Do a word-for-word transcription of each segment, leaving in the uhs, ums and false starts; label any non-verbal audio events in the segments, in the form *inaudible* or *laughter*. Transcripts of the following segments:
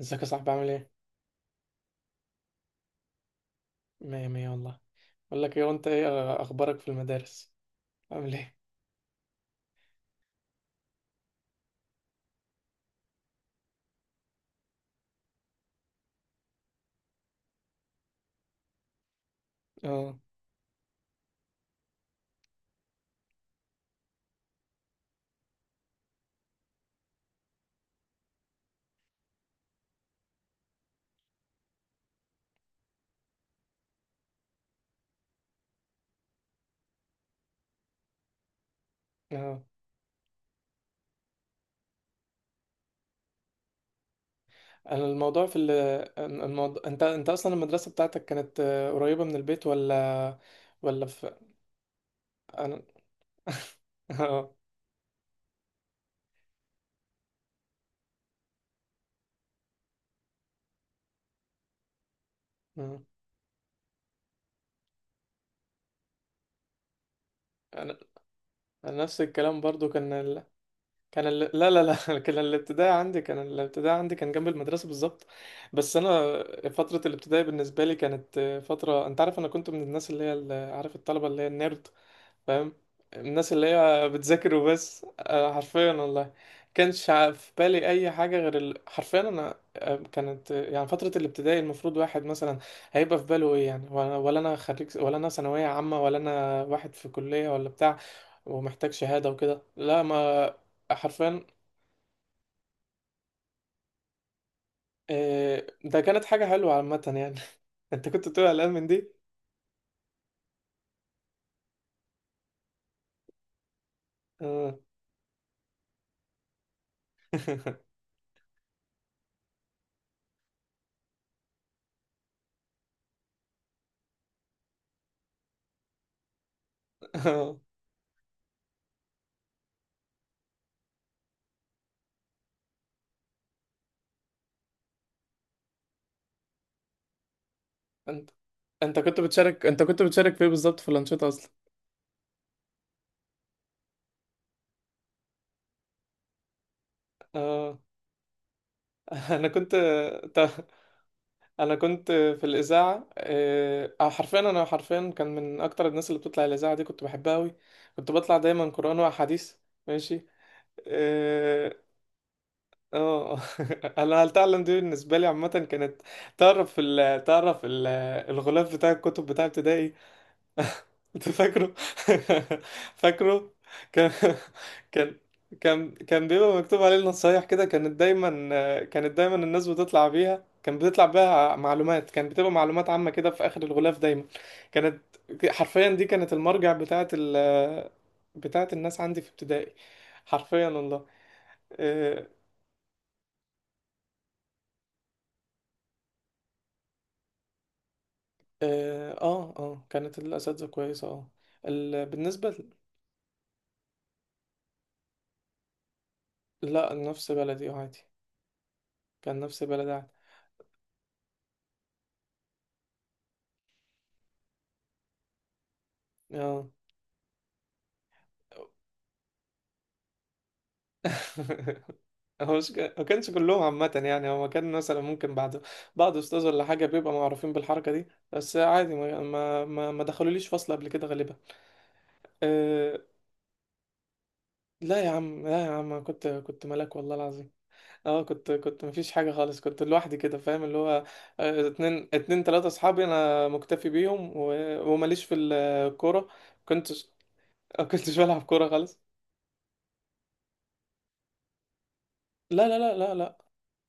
ازيك يا صاحبي، عامل ايه؟ مية مية والله. بقول لك ايه، وانت ايه اخبارك في المدارس؟ عامل ايه؟ اه اه، انا الموضوع في ال- الموضوع، انت انت اصلا المدرسة بتاعتك كانت آه، قريبة من البيت، ولا ولا في انا *laughs* اه آه. انا أنا نفس الكلام برضو كان ال... كان ال... لا لا لا *laughs* كان الابتدائي عندي كان الابتدائي عندي كان جنب المدرسة بالظبط. بس انا فترة الابتدائي بالنسبة لي كانت آه، فترة، انت عارف انا كنت من الناس اللي هي ال- عارف، الطلبة اللي هي النيرد، فاهم؟ الناس اللي هي بتذاكر وبس آه، حرفيا والله. كانش ع- في بالي اي حاجه غير ال... حرفيا، انا آه، كانت آه، يعني فتره الابتدائي المفروض واحد مثلا هيبقى في باله ايه، يعني ولا ولا انا خريج، ولا انا ثانويه عامه، ولا انا واحد في كليه، ولا بتاع ومحتاج شهاده وكده، لا ما. حرفيا آه، ده كانت حاجه حلوه عامه يعني. *laughs* انت كنت بتقول قلقان من دي؟ آه. *laughs* آه. انت انت كنت بتشارك، انت كنت بتشارك في ايه بالظبط، في الانشطه اصلا؟ اه. انا كنت تا- انا كنت في الاذاعه آه، آه، حرفيا، انا حرفيا كان من اكتر الناس اللي بتطلع الاذاعه دي، كنت بحبها قوي. كنت بطلع دايما قران واحاديث. ماشي. اه آه. *laughs* انا هل تعلم دي بالنسبه لي عامه كانت. تعرف ال... تعرف ال... الغلاف بتاع الكتب بتاع ابتدائي، انت فاكره؟ *laughs* فاكره. كان كان كان كان بيبقى *laughs* مكتوب عليه النصايح كده، كانت دايما، كانت دايما الناس بتطلع بيها، كان بتطلع بيها معلومات، كان بتبقى معلومات عامة كده في آخر الغلاف دايما. كانت حرفيا دي كانت المرجع بتاعت ال بتاعت الناس عندي في ابتدائي، حرفيا والله. اه اه اه آه، كانت الأساتذة كويسة، اه. ال- بالنسبة ل- لا نفس بلدي آه، عادي. كان نفس بلدي عادي. اه. *laughs* هو مش ك- ما كانش كلهم عامة يعني، هو كان مثلا ممكن بعد بعض أستاذ ولا حاجة بيبقى معروفين بالحركة دي، بس عادي ما ما ما, ما دخلوليش فصل قبل كده غالبا. أه. لا يا عم، لا يا عم، أنا كنت كنت ملاك والله العظيم. اه كنت كنت مفيش حاجة خالص، كنت لوحدي كده، فاهم اللي هو آه، اتنين اتنين تلاتة أصحابي، أنا مكتفي بيهم، و- وماليش في الكورة. كنتش آه، كنتش بلعب كورة خالص. لا لا لا لا لا.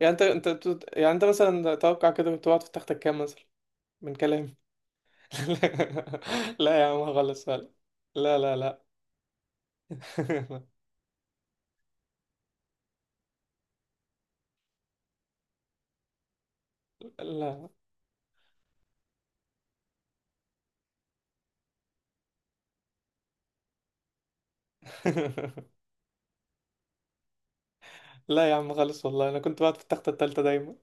يعني انت انت أنت- يعني انت مثلا توقع كده كنت بتقعد في تختك كام مثلا، من كلام. *laughs* لا يا عم خالص، فعلا. لا لا لا. *laughs* لا. *laughs* لا يا عم خالص والله، انا كنت بقعد في التخته التالتة دايما،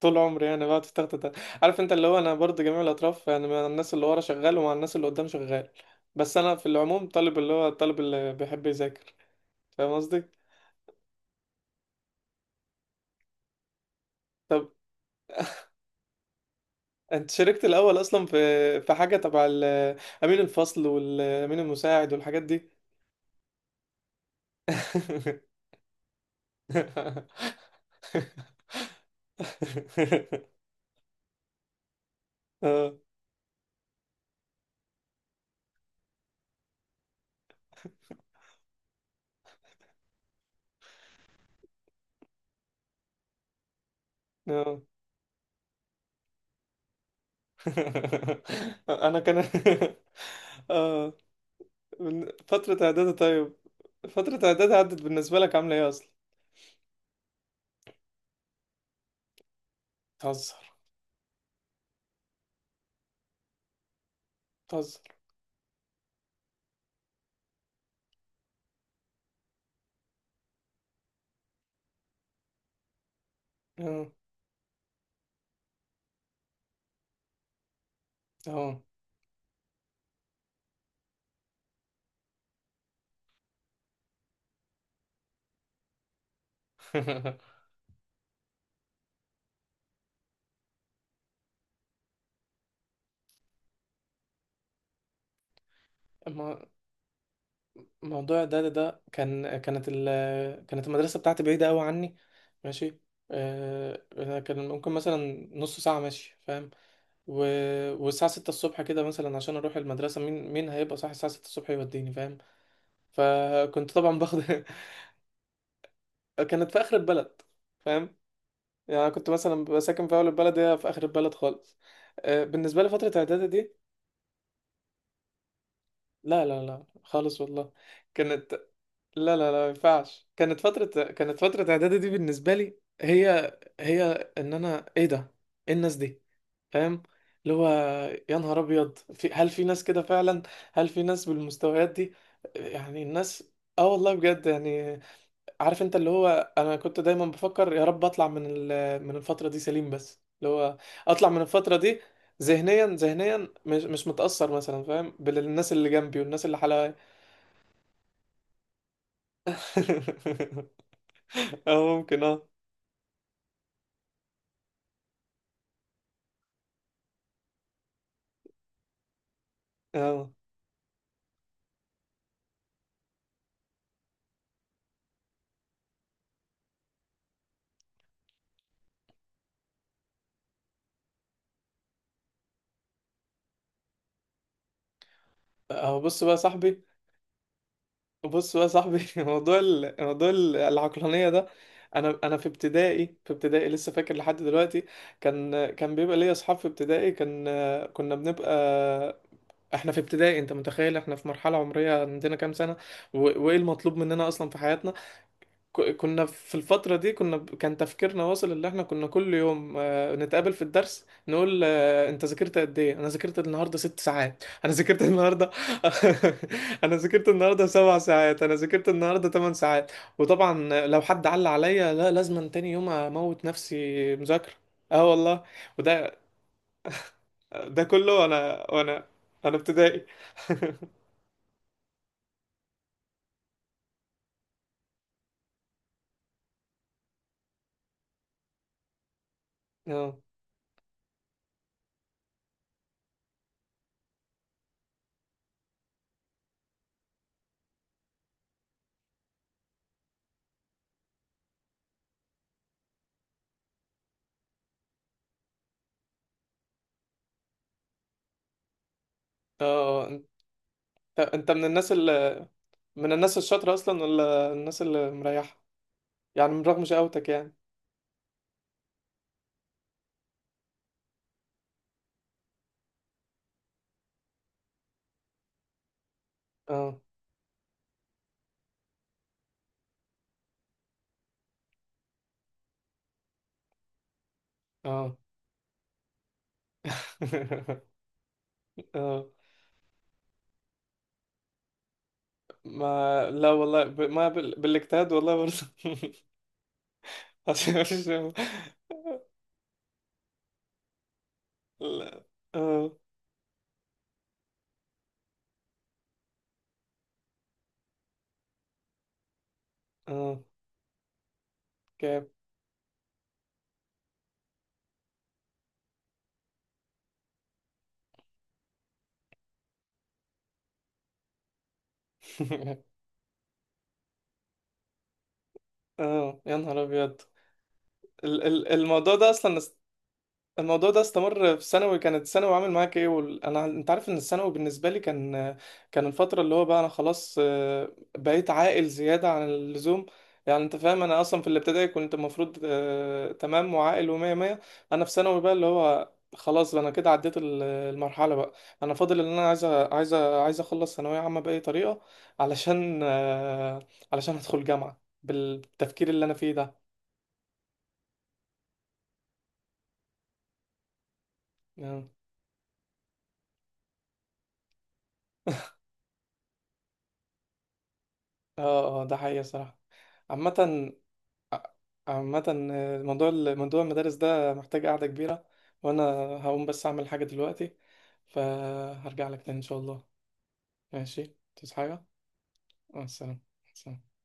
طول عمري انا بقعد في التخته التالتة. عارف انت اللي هو، انا برضو جميع الاطراف يعني، مع الناس اللي ورا شغال، ومع الناس اللي قدام شغال. بس انا في العموم طالب، اللي هو الطالب اللي بيحب يذاكر، فاهم قصدي؟ طب انت شاركت الاول اصلا في في حاجه تبع ال- امين الفصل والامين المساعد والحاجات دي؟ *laughs* *laughs* اه. *laughs* انا كان *laughs* اه. من فترة اعدادي، طيب، فترة اعدادي عدت بالنسبة لك عاملة ايه اصلا؟ بتهزر، بتهزر. اه اه. *laughs* الم- موضوع اعدادي ده كان، كانت ال... كانت المدرسة بتاعتي بعيدة قوي عني، ماشي. آه، أنا كان ممكن مثلا نص ساعة ماشي، فاهم؟ و... والساعة ستة الصبح كده مثلا عشان أروح المدرسة، مين مين هيبقى صاحي الساعة ستة الصبح يوديني، فاهم؟ فكنت طبعا باخد *laughs* كانت في اخر البلد، فاهم، يعني أنا كنت مثلا ببقى ساكن في اول البلد، هي في اخر البلد خالص. آه، بالنسبه لي فتره اعدادي دي، لا لا لا خالص والله. كانت، لا لا لا ما ينفعش، كانت فتره، كانت فتره اعدادي دي بالنسبه لي هي هي ان انا ايه ده، ايه الناس دي، فاهم؟ اللي هو يا نهار ابيض، في هل في ناس كده فعلا، هل في ناس بالمستويات دي يعني الناس؟ اه والله بجد يعني، عارف انت اللي هو، انا كنت دايما بفكر يا رب اطلع من ال- من الفتره دي سليم، بس اللي هو اطلع من الفتره دي ذهنيا، ذهنيا مش مش متاثر مثلا، فاهم، بالناس اللي جنبي والناس اللي حواليا. *laughs* اه ممكن اه. اه اه. بص بقى يا صاحبي، بص بقى يا صاحبي، *laughs* موضوع ال... موضوع ال- العقلانيه ده، انا انا في ابتدائي، في ابتدائي لسه فاكر لحد دلوقتي، كان، كان بيبقى ليا اصحاب في ابتدائي، كان كنا بنبقى، احنا في ابتدائي، انت متخيل احنا في مرحلة عمرية عندنا كام سنة؟ و... وايه المطلوب مننا اصلا في حياتنا؟ ك... كنا في الفترة دي كنا ب- كان تفكيرنا واصل اللي احنا كنا كل يوم آه، نتقابل في الدرس نقول آه، انت ذاكرت قد ايه؟ انا ذاكرت النهاردة ست ساعات، *laughs* انا ذاكرت النهاردة *laughs* انا ذاكرت النهاردة سبع ساعات، انا ذاكرت النهاردة ثمان ساعات. وطبعا لو حد علق عليا، لا، لازم تاني يوم اموت نفسي مذاكرة. اه والله. وده ده كله انا وانا انا ابتدائي. *laughs* اه اه. انت انت من الناس اللي، من الناس الشاطرة اصلا ولا الناس اللي مريحة، يعني من رغم شقاوتك يعني؟ اه اه. *laughs* اه. ما لا والله ب... ما بال... بالاجتهاد والله برضه. *laughs* عشان مفيش. لا. اه اه. كام؟ *laughs* اه يا نهار ابيض. ال... ال... الموضوع ده اصلا، الموضوع ده استمر في ثانوي، كانت ثانوي عامل معاك ايه؟ وال... انا انت عارف ان الثانوي بالنسبه لي كان، كان الفتره اللي هو بقى انا خلاص آه، بقيت عاقل زياده عن اللزوم. يعني انت فاهم، انا اصلا في الابتدائي كنت المفروض آه، تمام وعاقل ومية مية، انا في ثانوي بقى اللي هو خلاص، انا كده عديت ال- المرحله بقى. انا فاضل ان انا عايز أ- عايز أ- عايز اخلص ثانويه عامه باي طريقه، علشان آه، علشان ادخل جامعه بالتفكير اللي انا فيه ده، يعني. *laughs* اه اه، ده حقيقه صراحه. عامة، عامة آه، موضوع ال- موضوع المدارس ده محتاج قعدة كبيرة، وأنا هقوم بس أعمل حاجة دلوقتي، فهرجع لك تاني إن شاء الله. ماشي، تصحى حاجة، مع السلامة، سلام.